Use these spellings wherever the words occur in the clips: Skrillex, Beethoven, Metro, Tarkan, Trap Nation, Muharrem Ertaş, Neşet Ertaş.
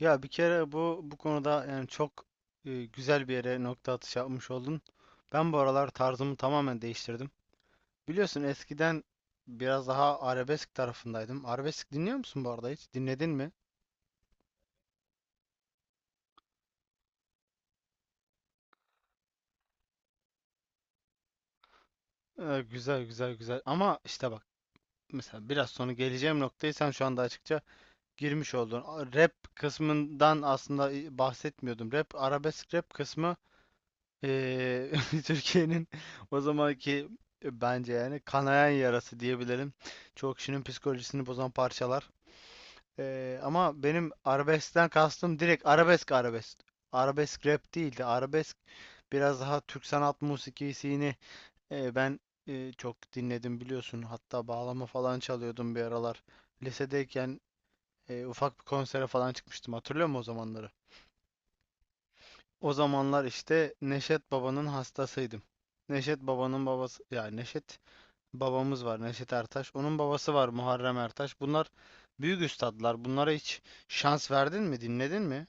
Ya bir kere bu konuda yani çok güzel bir yere nokta atışı yapmış oldun. Ben bu aralar tarzımı tamamen değiştirdim. Biliyorsun eskiden biraz daha arabesk tarafındaydım. Arabesk dinliyor musun bu arada hiç? Dinledin mi? Güzel güzel güzel. Ama işte bak, mesela biraz sonra geleceğim noktayı sen şu anda açıkça girmiş oldun. Rap kısmından aslında bahsetmiyordum. Rap, arabesk rap kısmı. Eee, Türkiye'nin o zamanki bence yani kanayan yarası diyebilirim. Çoğu kişinin psikolojisini bozan parçalar. Ama benim arabeskten kastım direkt arabesk arabesk. Arabesk rap değildi. Arabesk biraz daha Türk sanat musikisini ben çok dinledim biliyorsun. Hatta bağlama falan çalıyordum bir aralar. Lisedeyken ufak bir konsere falan çıkmıştım. Hatırlıyor musun o zamanları? O zamanlar işte Neşet Baba'nın hastasıydım. Neşet Baba'nın babası, ya Neşet babamız var, Neşet Ertaş. Onun babası var, Muharrem Ertaş. Bunlar büyük üstadlar. Bunlara hiç şans verdin mi? Dinledin mi?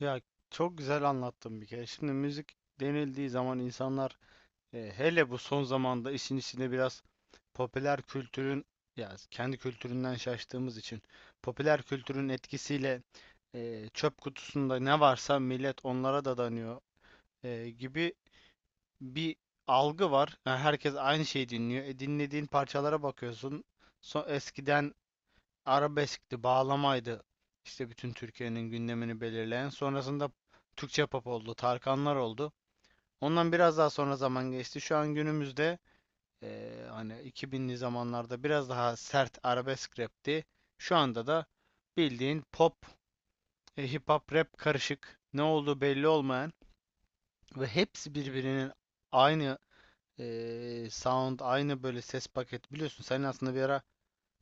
Ya çok güzel anlattım bir kere. Şimdi müzik denildiği zaman insanlar, hele bu son zamanda, işin içinde biraz popüler kültürün, ya kendi kültüründen şaştığımız için popüler kültürün etkisiyle, çöp kutusunda ne varsa millet onlara dadanıyor. Gibi bir algı var. Yani herkes aynı şeyi dinliyor. Dinlediğin parçalara bakıyorsun. Eskiden arabeskti, bağlamaydı. İşte bütün Türkiye'nin gündemini belirleyen. Sonrasında Türkçe pop oldu, Tarkanlar oldu. Ondan biraz daha sonra zaman geçti. Şu an günümüzde, e, hani 2000'li zamanlarda biraz daha sert arabesk rapti. Şu anda da bildiğin pop, hip hop, rap karışık. Ne olduğu belli olmayan ve hepsi birbirinin aynı. Sound aynı, böyle ses paket. Biliyorsun senin aslında bir ara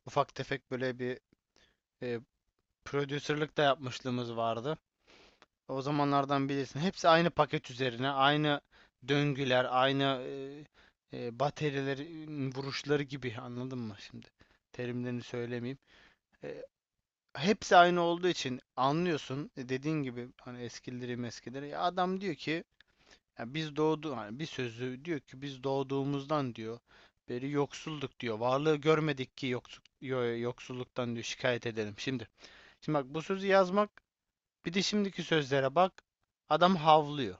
ufak tefek böyle bir e, prodüserlik de yapmışlığımız vardı. O zamanlardan bilirsin. Hepsi aynı paket üzerine, aynı döngüler, aynı baterilerin vuruşları gibi, anladın mı şimdi? Terimlerini söylemeyeyim. E, Hepsi aynı olduğu için anlıyorsun. Dediğin gibi, hani eskileri meskileri. Ya adam diyor ki, ya biz doğdu, hani bir sözü diyor ki, biz doğduğumuzdan diyor beri yoksulduk diyor. Varlığı görmedik ki yoksulluk, yoksulluktan diyor şikayet edelim. Şimdi bak, bu sözü yazmak, bir de şimdiki sözlere bak. Adam havlıyor.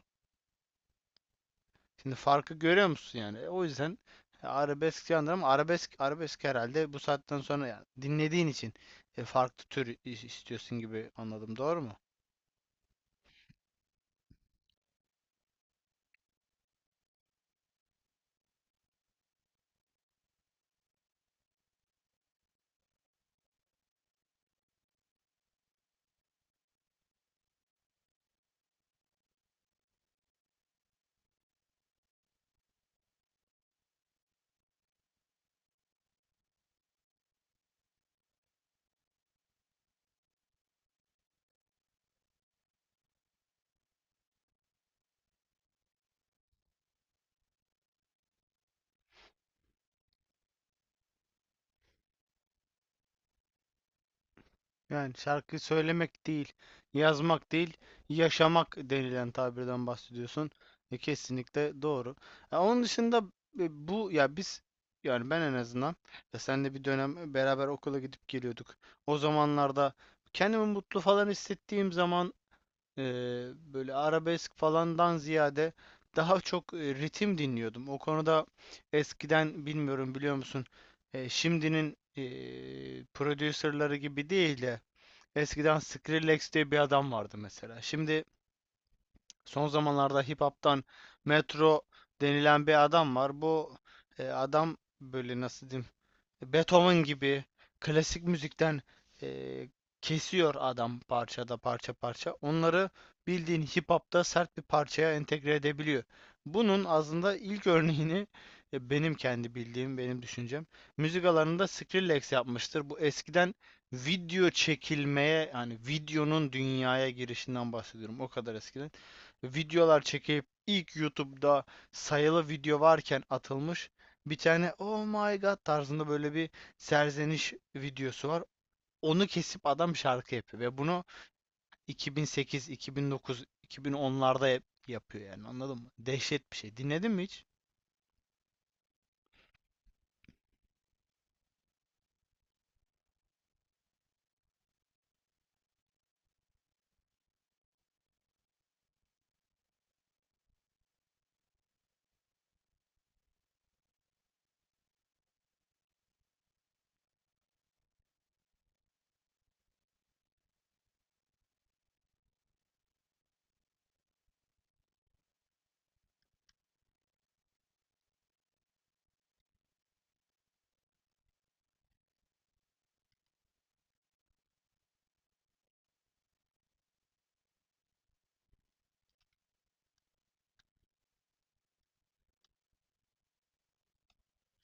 Şimdi farkı görüyor musun yani? O yüzden arabesk yandır, ama arabesk arabesk herhalde bu saatten sonra, yani dinlediğin için farklı tür istiyorsun gibi anladım. Doğru mu? Yani şarkı söylemek değil, yazmak değil, yaşamak denilen tabirden bahsediyorsun. Kesinlikle doğru. Onun dışında, bu ya biz, yani ben en azından, ya senle bir dönem beraber okula gidip geliyorduk. O zamanlarda kendimi mutlu falan hissettiğim zaman, e, böyle arabesk falandan ziyade daha çok ritim dinliyordum. O konuda eskiden, bilmiyorum biliyor musun, şimdinin prodüserleri gibi değil de, eskiden Skrillex diye bir adam vardı mesela. Şimdi son zamanlarda hip hop'tan Metro denilen bir adam var. Bu adam, böyle nasıl diyeyim, Beethoven gibi klasik müzikten eee, kesiyor adam parçada, parça parça. Onları bildiğin hip hop'ta sert bir parçaya entegre edebiliyor. Bunun aslında ilk örneğini, benim kendi bildiğim, benim düşüncem, müzik alanında Skrillex yapmıştır. Bu eskiden video çekilmeye, yani videonun dünyaya girişinden bahsediyorum. O kadar eskiden. Videolar çekip ilk YouTube'da sayılı video varken atılmış bir tane oh my god tarzında böyle bir serzeniş videosu var. Onu kesip adam şarkı yapıyor ve bunu 2008, 2009, 2010'larda yapıyor, yani anladın mı? Dehşet bir şey. Dinledin mi hiç?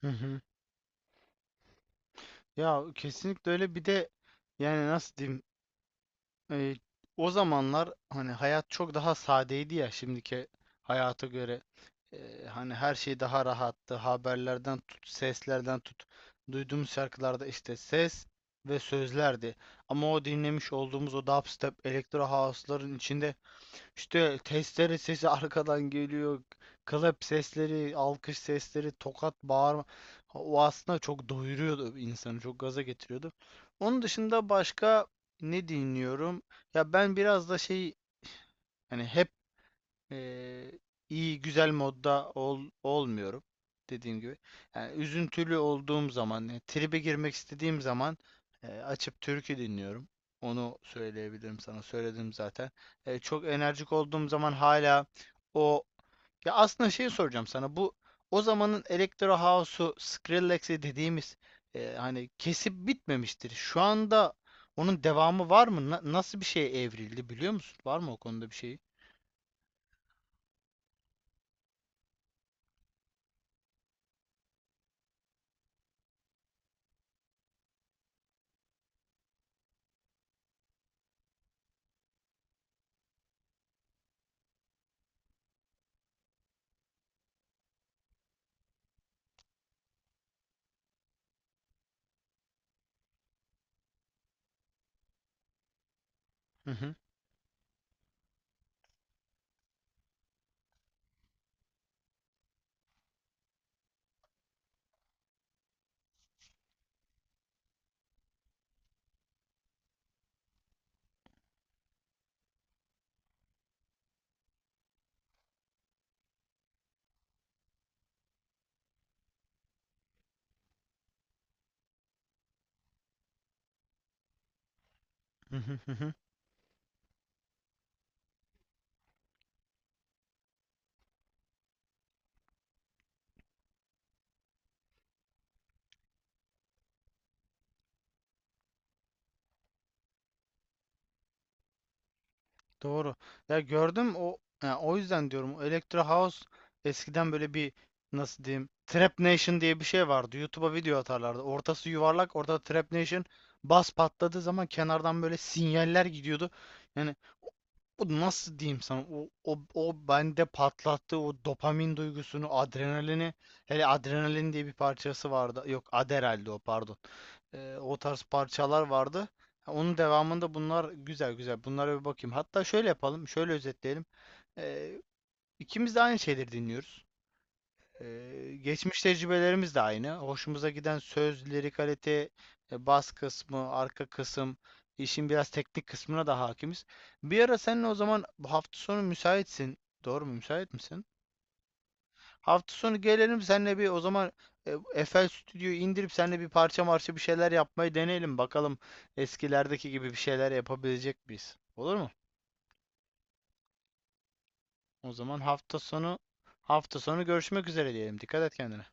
Hı hı. Ya kesinlikle öyle. Bir de yani nasıl diyeyim, E, o zamanlar hani hayat çok daha sadeydi ya, şimdiki hayata göre. Hani her şey daha rahattı. Haberlerden tut, seslerden tut. Duyduğumuz şarkılarda işte ses ve sözlerdi. Ama o dinlemiş olduğumuz o dubstep, elektro house'ların içinde işte testere sesi arkadan geliyor. Klap sesleri, alkış sesleri, tokat, bağırma. O aslında çok doyuruyordu insanı, çok gaza getiriyordu. Onun dışında başka ne dinliyorum? Ya ben biraz da şey, hani hep Eee, iyi güzel modda ol, olmuyorum dediğim gibi. Yani üzüntülü olduğum zaman, yani tribe girmek istediğim zaman, açıp türkü dinliyorum. Onu söyleyebilirim sana. Söyledim zaten. Çok enerjik olduğum zaman hala o, ya aslında şey soracağım sana. Bu o zamanın Electro House'u, Skrillex'i dediğimiz, hani kesip bitmemiştir. Şu anda onun devamı var mı? Nasıl bir şeye evrildi biliyor musun? Var mı o konuda bir şey? Hı hı hı hı. Doğru. Ya gördüm o. Ya o yüzden diyorum, o Electro House eskiden böyle bir, nasıl diyeyim, Trap Nation diye bir şey vardı. YouTube'a video atarlardı. Ortası yuvarlak, orada Trap Nation bas patladığı zaman kenardan böyle sinyaller gidiyordu. Yani o, nasıl diyeyim sana, o bende patlattı o dopamin duygusunu, adrenalini. Hele adrenalin diye bir parçası vardı. Yok, Adderall'di o, pardon. O tarz parçalar vardı. Onun devamında bunlar güzel güzel. Bunlara bir bakayım. Hatta şöyle yapalım, şöyle özetleyelim. Ee, ikimiz de aynı şeyleri dinliyoruz. Geçmiş tecrübelerimiz de aynı. Hoşumuza giden söz, lirikalite, bas kısmı, arka kısım, işin biraz teknik kısmına da hakimiz. Bir ara seninle, o zaman bu hafta sonu müsaitsin. Doğru mu? Müsait misin? Hafta sonu gelelim seninle bir o zaman, FL Studio'yu indirip seninle bir parça marşı bir şeyler yapmayı deneyelim. Bakalım eskilerdeki gibi bir şeyler yapabilecek miyiz? Olur mu? O zaman hafta sonu, görüşmek üzere diyelim. Dikkat et kendine.